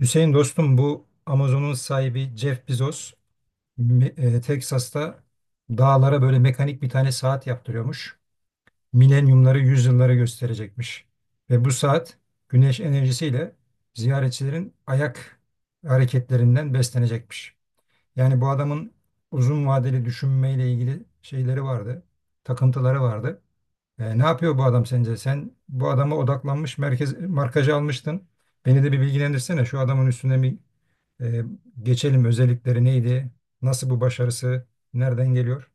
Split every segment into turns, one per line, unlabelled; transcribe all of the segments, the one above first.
Hüseyin dostum, bu Amazon'un sahibi Jeff Bezos Texas'ta dağlara böyle mekanik bir tane saat yaptırıyormuş. Milenyumları, yüzyılları gösterecekmiş. Ve bu saat güneş enerjisiyle ziyaretçilerin ayak hareketlerinden beslenecekmiş. Yani bu adamın uzun vadeli düşünmeyle ilgili şeyleri vardı, takıntıları vardı. Ne yapıyor bu adam sence? Sen bu adama odaklanmış, merkez, markajı almıştın. Beni de bir bilgilendirsene. Şu adamın üstüne bir ee, geçelim, özellikleri neydi? Nasıl bu başarısı? Nereden geliyor?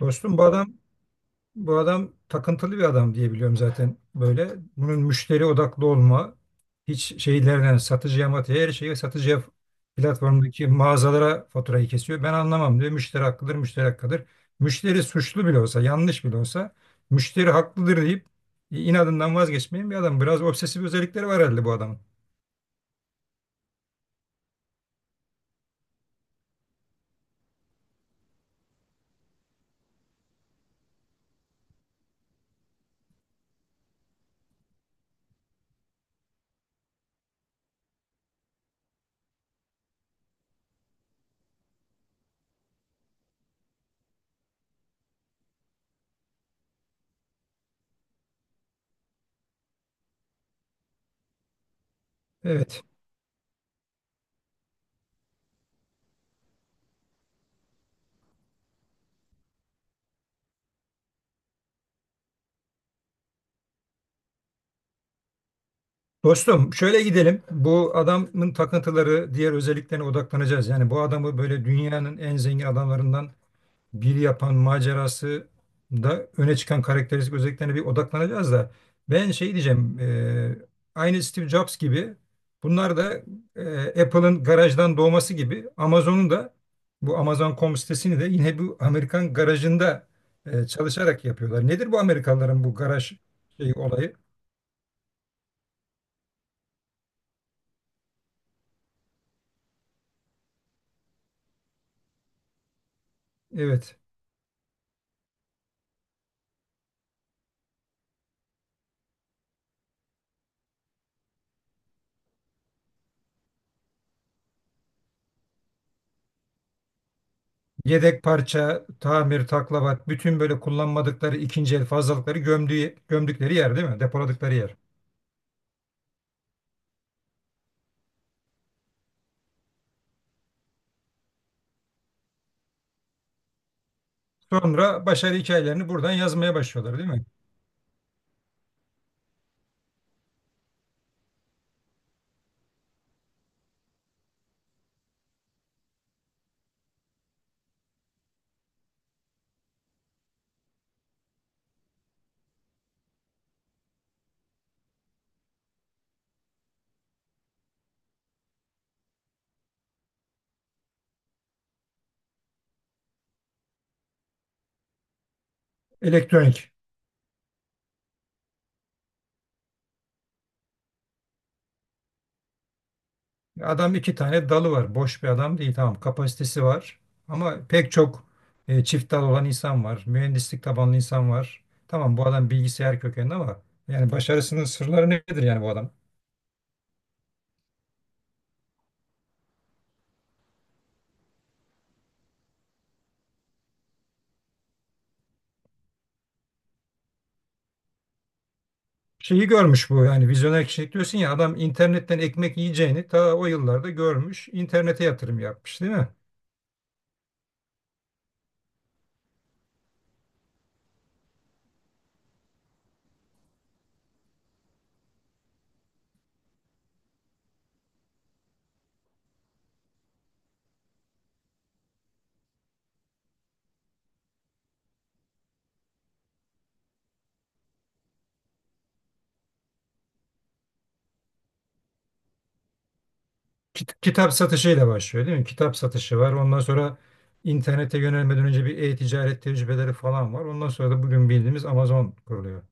Dostum, bu adam takıntılı bir adam diye biliyorum zaten böyle. Bunun müşteri odaklı olma, hiç şeylerden satıcıya matıya, her şeyi satıcıya, platformdaki mağazalara faturayı kesiyor. Ben anlamam diyor. Müşteri haklıdır, müşteri hakkıdır. Müşteri suçlu bile olsa, yanlış bile olsa müşteri haklıdır deyip inadından vazgeçmeyen bir adam. Biraz obsesif özellikleri var herhalde bu adamın. Evet. Dostum, şöyle gidelim. Bu adamın takıntıları, diğer özelliklerine odaklanacağız. Yani bu adamı böyle dünyanın en zengin adamlarından biri yapan macerası da öne çıkan karakteristik özelliklerine bir odaklanacağız da ben şey diyeceğim, aynı Steve Jobs gibi bunlar da Apple'ın garajdan doğması gibi Amazon'un da bu Amazon.com sitesini de yine bu Amerikan garajında çalışarak yapıyorlar. Nedir bu Amerikalıların bu garaj şeyi olayı? Evet. Yedek parça, tamir, taklavat, bütün böyle kullanmadıkları ikinci el fazlalıkları gömdüğü, gömdükleri yer değil mi? Depoladıkları yer. Sonra başarı hikayelerini buradan yazmaya başlıyorlar değil mi? Elektronik. Adam iki tane dalı var. Boş bir adam değil, tamam. Kapasitesi var. Ama pek çok çift dal olan insan var. Mühendislik tabanlı insan var. Tamam, bu adam bilgisayar kökenli ama yani başarısının sırları nedir yani bu adam? Şeyi görmüş bu, yani vizyoner kişilik diyorsun ya, adam internetten ekmek yiyeceğini ta o yıllarda görmüş, internete yatırım yapmış değil mi? Kitap satışıyla başlıyor değil mi? Kitap satışı var, ondan sonra internete yönelmeden önce bir e-ticaret tecrübeleri falan var, ondan sonra da bugün bildiğimiz Amazon kuruluyor.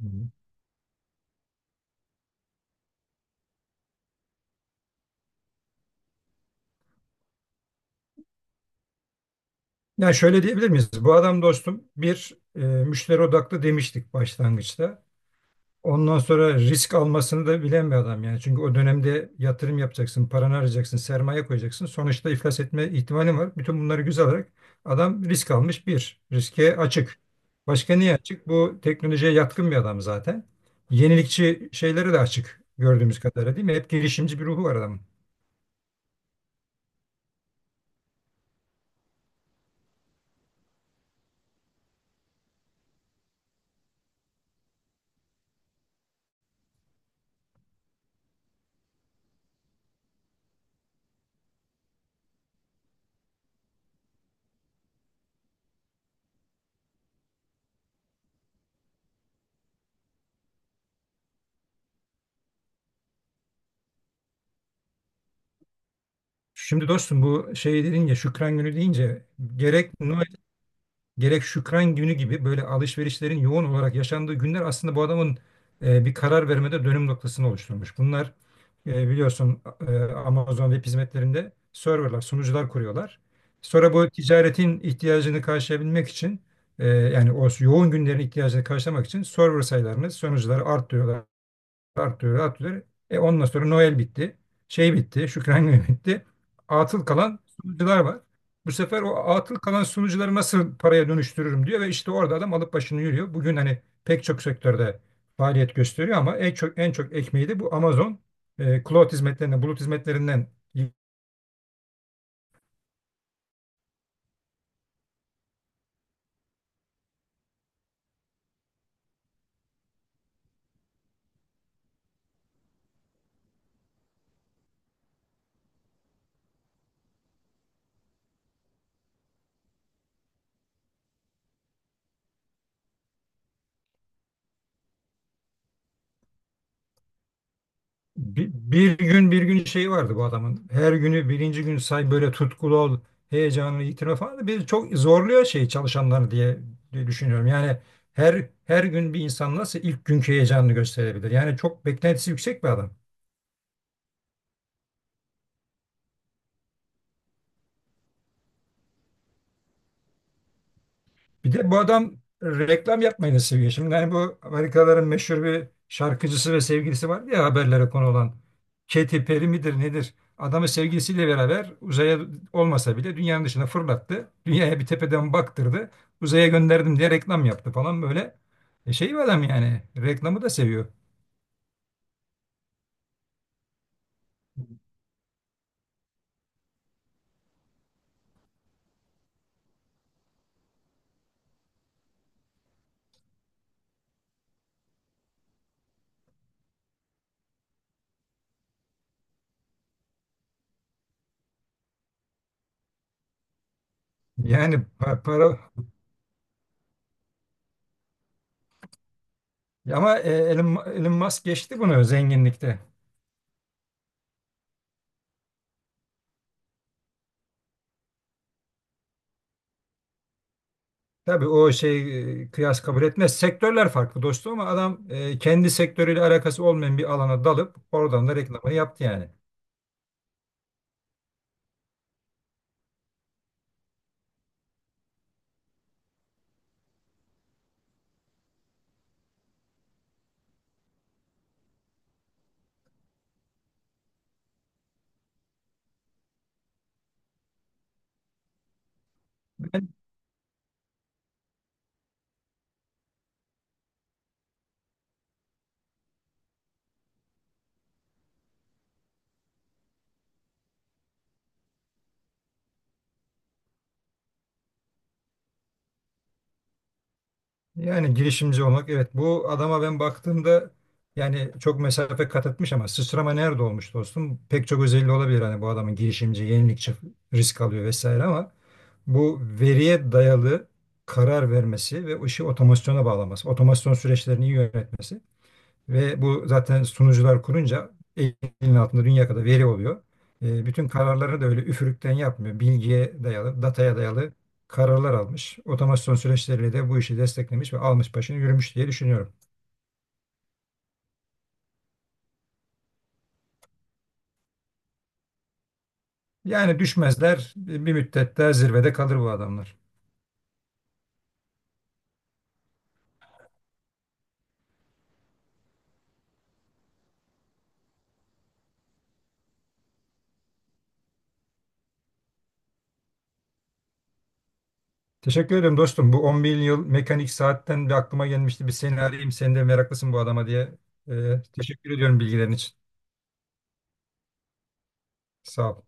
Hı hı. Yani şöyle diyebilir miyiz? Bu adam dostum bir müşteri odaklı demiştik başlangıçta. Ondan sonra risk almasını da bilen bir adam yani. Çünkü o dönemde yatırım yapacaksın, paranı arayacaksın, sermaye koyacaksın. Sonuçta iflas etme ihtimalin var. Bütün bunları göze alarak adam risk almış bir. Riske açık. Başka niye açık? Bu teknolojiye yatkın bir adam zaten. Yenilikçi şeyleri de açık gördüğümüz kadarıyla değil mi? Hep girişimci bir ruhu var adamın. Şimdi dostum, bu şey dedin ya, Şükran Günü deyince gerek Noel, gerek Şükran günü gibi böyle alışverişlerin yoğun olarak yaşandığı günler aslında bu adamın bir karar vermede dönüm noktasını oluşturmuş. Bunlar biliyorsun Amazon web hizmetlerinde serverlar, sunucular kuruyorlar. Sonra bu ticaretin ihtiyacını karşılayabilmek için yani o yoğun günlerin ihtiyacını karşılamak için server sayılarını, sunucuları arttırıyorlar, artıyor, artıyor. E ondan sonra Noel bitti. Şey bitti, Şükran Günü bitti. Atıl kalan sunucular var. Bu sefer o atıl kalan sunucuları nasıl paraya dönüştürürüm diyor ve işte orada adam alıp başını yürüyor. Bugün hani pek çok sektörde faaliyet gösteriyor ama en çok en çok ekmeği de bu Amazon cloud hizmetlerinden, bulut hizmetlerinden. Bir gün şeyi vardı bu adamın. Her günü birinci gün say, böyle tutkulu ol, heyecanını yitirme falan. Bir çok zorluyor şey çalışanları diye düşünüyorum. Yani her gün bir insan nasıl ilk günkü heyecanını gösterebilir? Yani çok beklentisi yüksek bir adam. Bir de bu adam reklam yapmayı da seviyor. Şimdi hani bu Amerikalıların meşhur bir şarkıcısı ve sevgilisi var ya, haberlere konu olan. Katy Perry midir nedir? Adamı sevgilisiyle beraber uzaya olmasa bile dünyanın dışına fırlattı. Dünyaya bir tepeden baktırdı. Uzaya gönderdim diye reklam yaptı falan böyle. E şey bir adam yani, reklamı da seviyor. Para ama Elon Musk geçti bunu zenginlikte. Tabii o şey kıyas kabul etmez. Sektörler farklı dostum ama adam kendi sektörüyle alakası olmayan bir alana dalıp oradan da reklamını yaptı yani. Yani girişimci olmak, evet, bu adama ben baktığımda yani çok mesafe kat etmiş ama sıçrama nerede olmuş dostum? Pek çok özelliği olabilir hani bu adamın: girişimci, yenilikçi, risk alıyor vesaire ama bu veriye dayalı karar vermesi ve işi otomasyona bağlaması, otomasyon süreçlerini iyi yönetmesi. Ve bu zaten sunucular kurunca elinin altında dünya kadar veri oluyor. E, bütün kararları da öyle üfürükten yapmıyor. Bilgiye dayalı, dataya dayalı kararlar almış. Otomasyon süreçleriyle de bu işi desteklemiş ve almış başını yürümüş diye düşünüyorum. Yani düşmezler, bir müddet daha zirvede kalır bu adamlar. Teşekkür ederim dostum. Bu 10 bin yıl mekanik saatten bir aklıma gelmişti. Bir seni arayayım. Sen de meraklısın bu adama diye. E, teşekkür ediyorum bilgilerin için. Sağ ol.